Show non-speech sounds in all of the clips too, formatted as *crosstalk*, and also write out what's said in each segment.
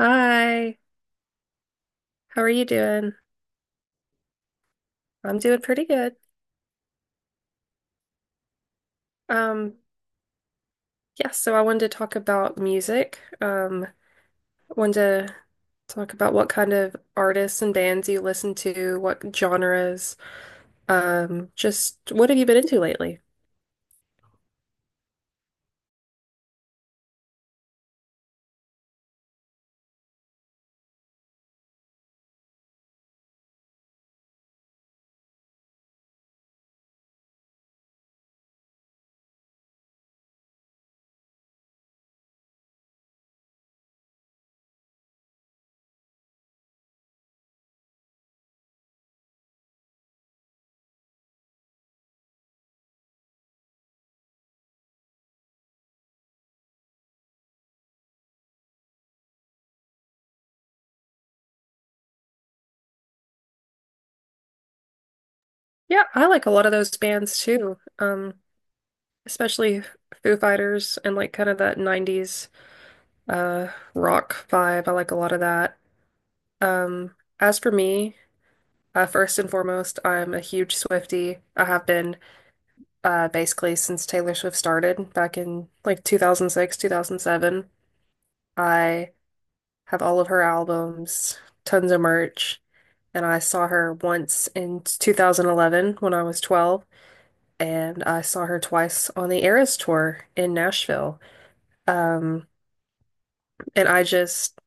Hi, how are you doing? I'm doing pretty good. Um, yeah, so I wanted to talk about music. I wanted to talk about what kind of artists and bands you listen to, what genres, just what have you been into lately? Yeah, I like a lot of those bands too. Especially Foo Fighters and like kind of that 90s uh rock vibe. I like a lot of that. As for me, first and foremost, I'm a huge Swiftie. I have been basically since Taylor Swift started back in like 2006, 2007. I have all of her albums, tons of merch, and I saw her once in 2011 when I was 12, and I saw her twice on the Eras tour in Nashville. Um, and I just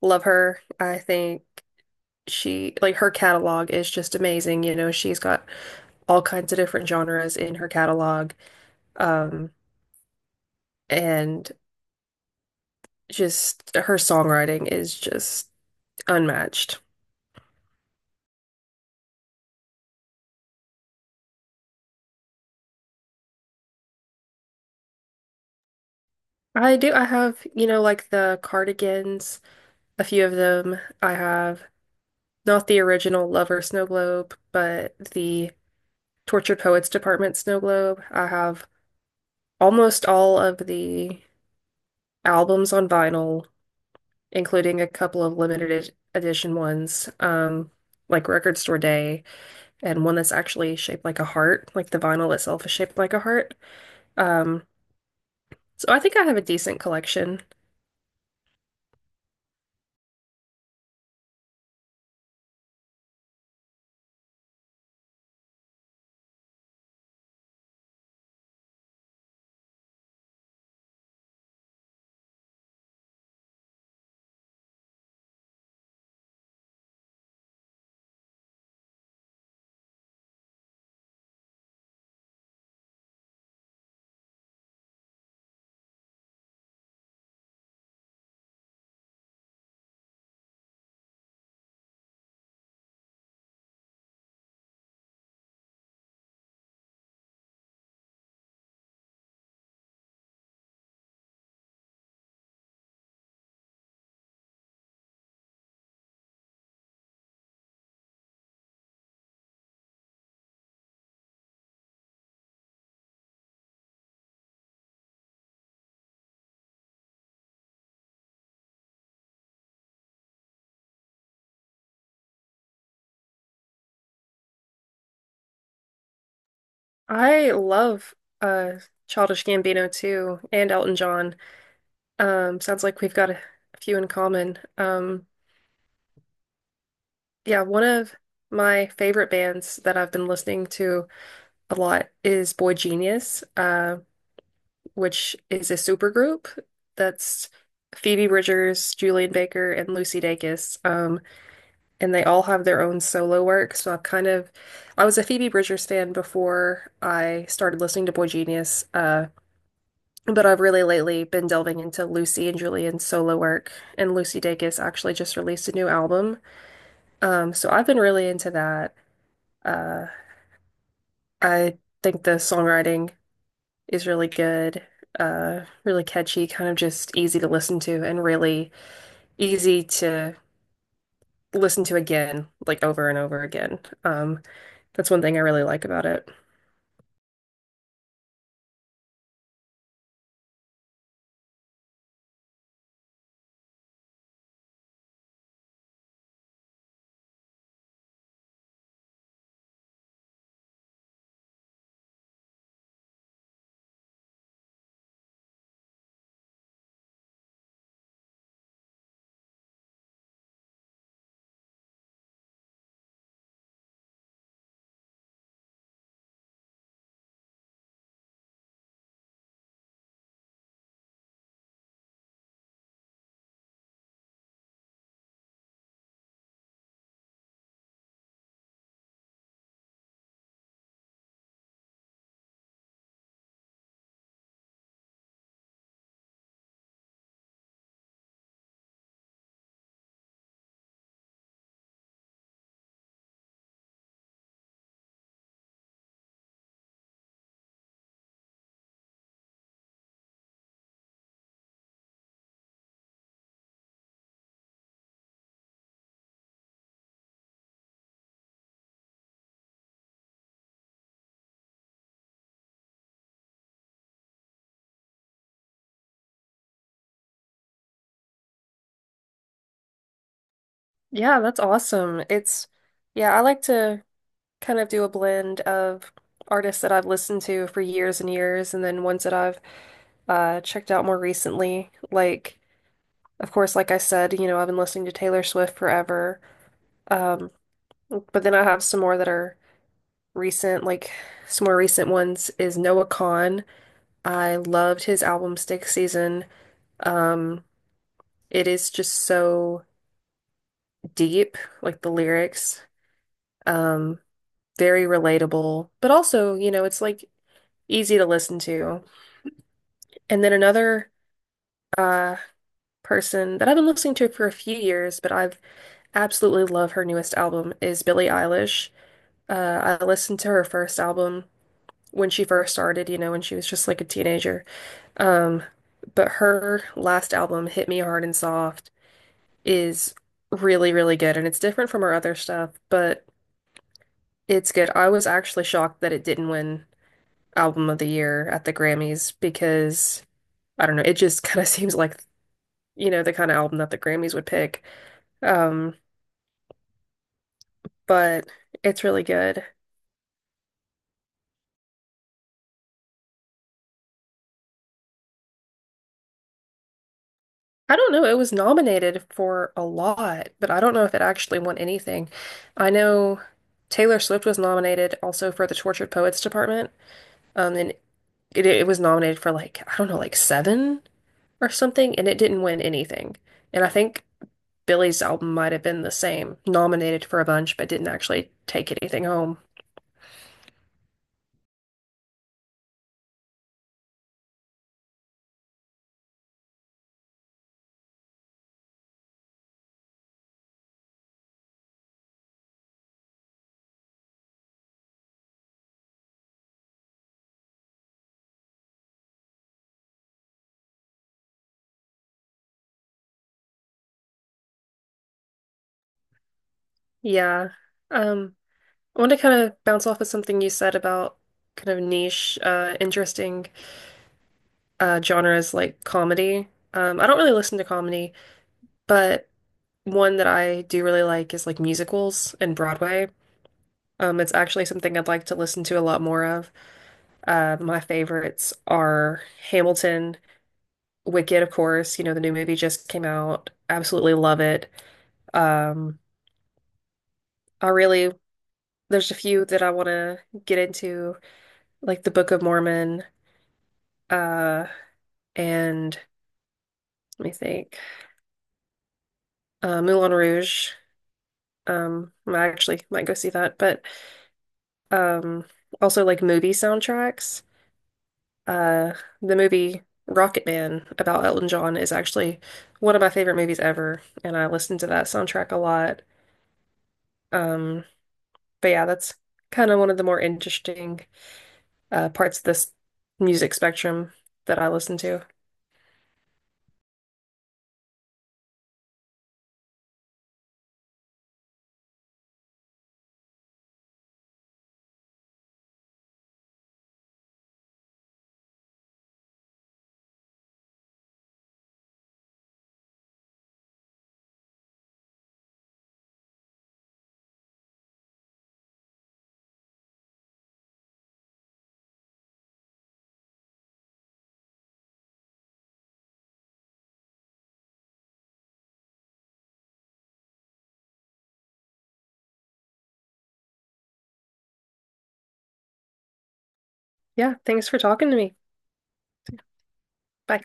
love her. I think she, like, her catalog is just amazing. You know, she's got all kinds of different genres in her catalog. Um, and just her songwriting is just unmatched. I do, I have, you know, like the Cardigans, a few of them. I have not the original Lover Snow Globe, but the Tortured Poets Department Snow Globe. I have almost all of the albums on vinyl, including a couple of limited edition ones, like Record Store Day, and one that's actually shaped like a heart, like the vinyl itself is shaped like a heart. Um, so I think I have a decent collection. I love uh Childish Gambino too, and Elton John. Sounds like we've got a few in common. Yeah, one of my favorite bands that I've been listening to a lot is Boy Genius, which is a supergroup that's Phoebe Bridgers, Julian Baker, and Lucy Dacus. And they all have their own solo work. So I've kind of I was a Phoebe Bridgers fan before I started listening to Boy Genius. But I've really lately been delving into Lucy and Julian's solo work, and Lucy Dacus actually just released a new album. So I've been really into that. Uh, I think the songwriting is really good, really catchy, kind of just easy to listen to, and really easy to listen to again, like over and over again. That's one thing I really like about it. Yeah, that's awesome. Yeah, I like to kind of do a blend of artists that I've listened to for years and years, and then ones that I've checked out more recently. Like, of course, like I said, you know, I've been listening to Taylor Swift forever. Um, but then I have some more that are recent, like some more recent ones is Noah Kahan. I loved his album Stick Season. Um, it is just so deep, like the lyrics. Um, very relatable, but also, you know, it's like easy to listen to. And then another uh, person that I've been listening to for a few years, but I've absolutely love her newest album is Billie Eilish. I listened to her first album when she first started, you know, when she was just like a teenager. Um, but her last album, Hit Me Hard and Soft, is really, really good, and it's different from her other stuff, but it's good. I was actually shocked that it didn't win Album of the Year at the Grammys because I don't know, it just kind of *laughs* seems like, you know, the kind of album that the Grammys would pick. Um, but it's really good. I don't know, it was nominated for a lot, but I don't know if it actually won anything. I know Taylor Swift was nominated also for the Tortured Poets Department. And it was nominated for like, I don't know, like 7 or something, and it didn't win anything. And I think Billy's album might have been the same, nominated for a bunch, but didn't actually take anything home. Yeah. Um, I want to kind of bounce off of something you said about kind of niche, interesting genres like comedy. I don't really listen to comedy, but one that I do really like is like musicals and Broadway. It's actually something I'd like to listen to a lot more of. My favorites are Hamilton, Wicked, of course. You know, the new movie just came out. Absolutely love it. Um, I really, there's a few that I want to get into, like the Book of Mormon, uh, and let me think, Moulin Rouge. I actually might go see that, but um, also like movie soundtracks. Uh, the movie Rocket Man about Elton John is actually one of my favorite movies ever, and I listen to that soundtrack a lot. Um, but yeah, that's kind of one of the more interesting parts of this music spectrum that I listen to. Yeah, thanks for talking to me. Bye.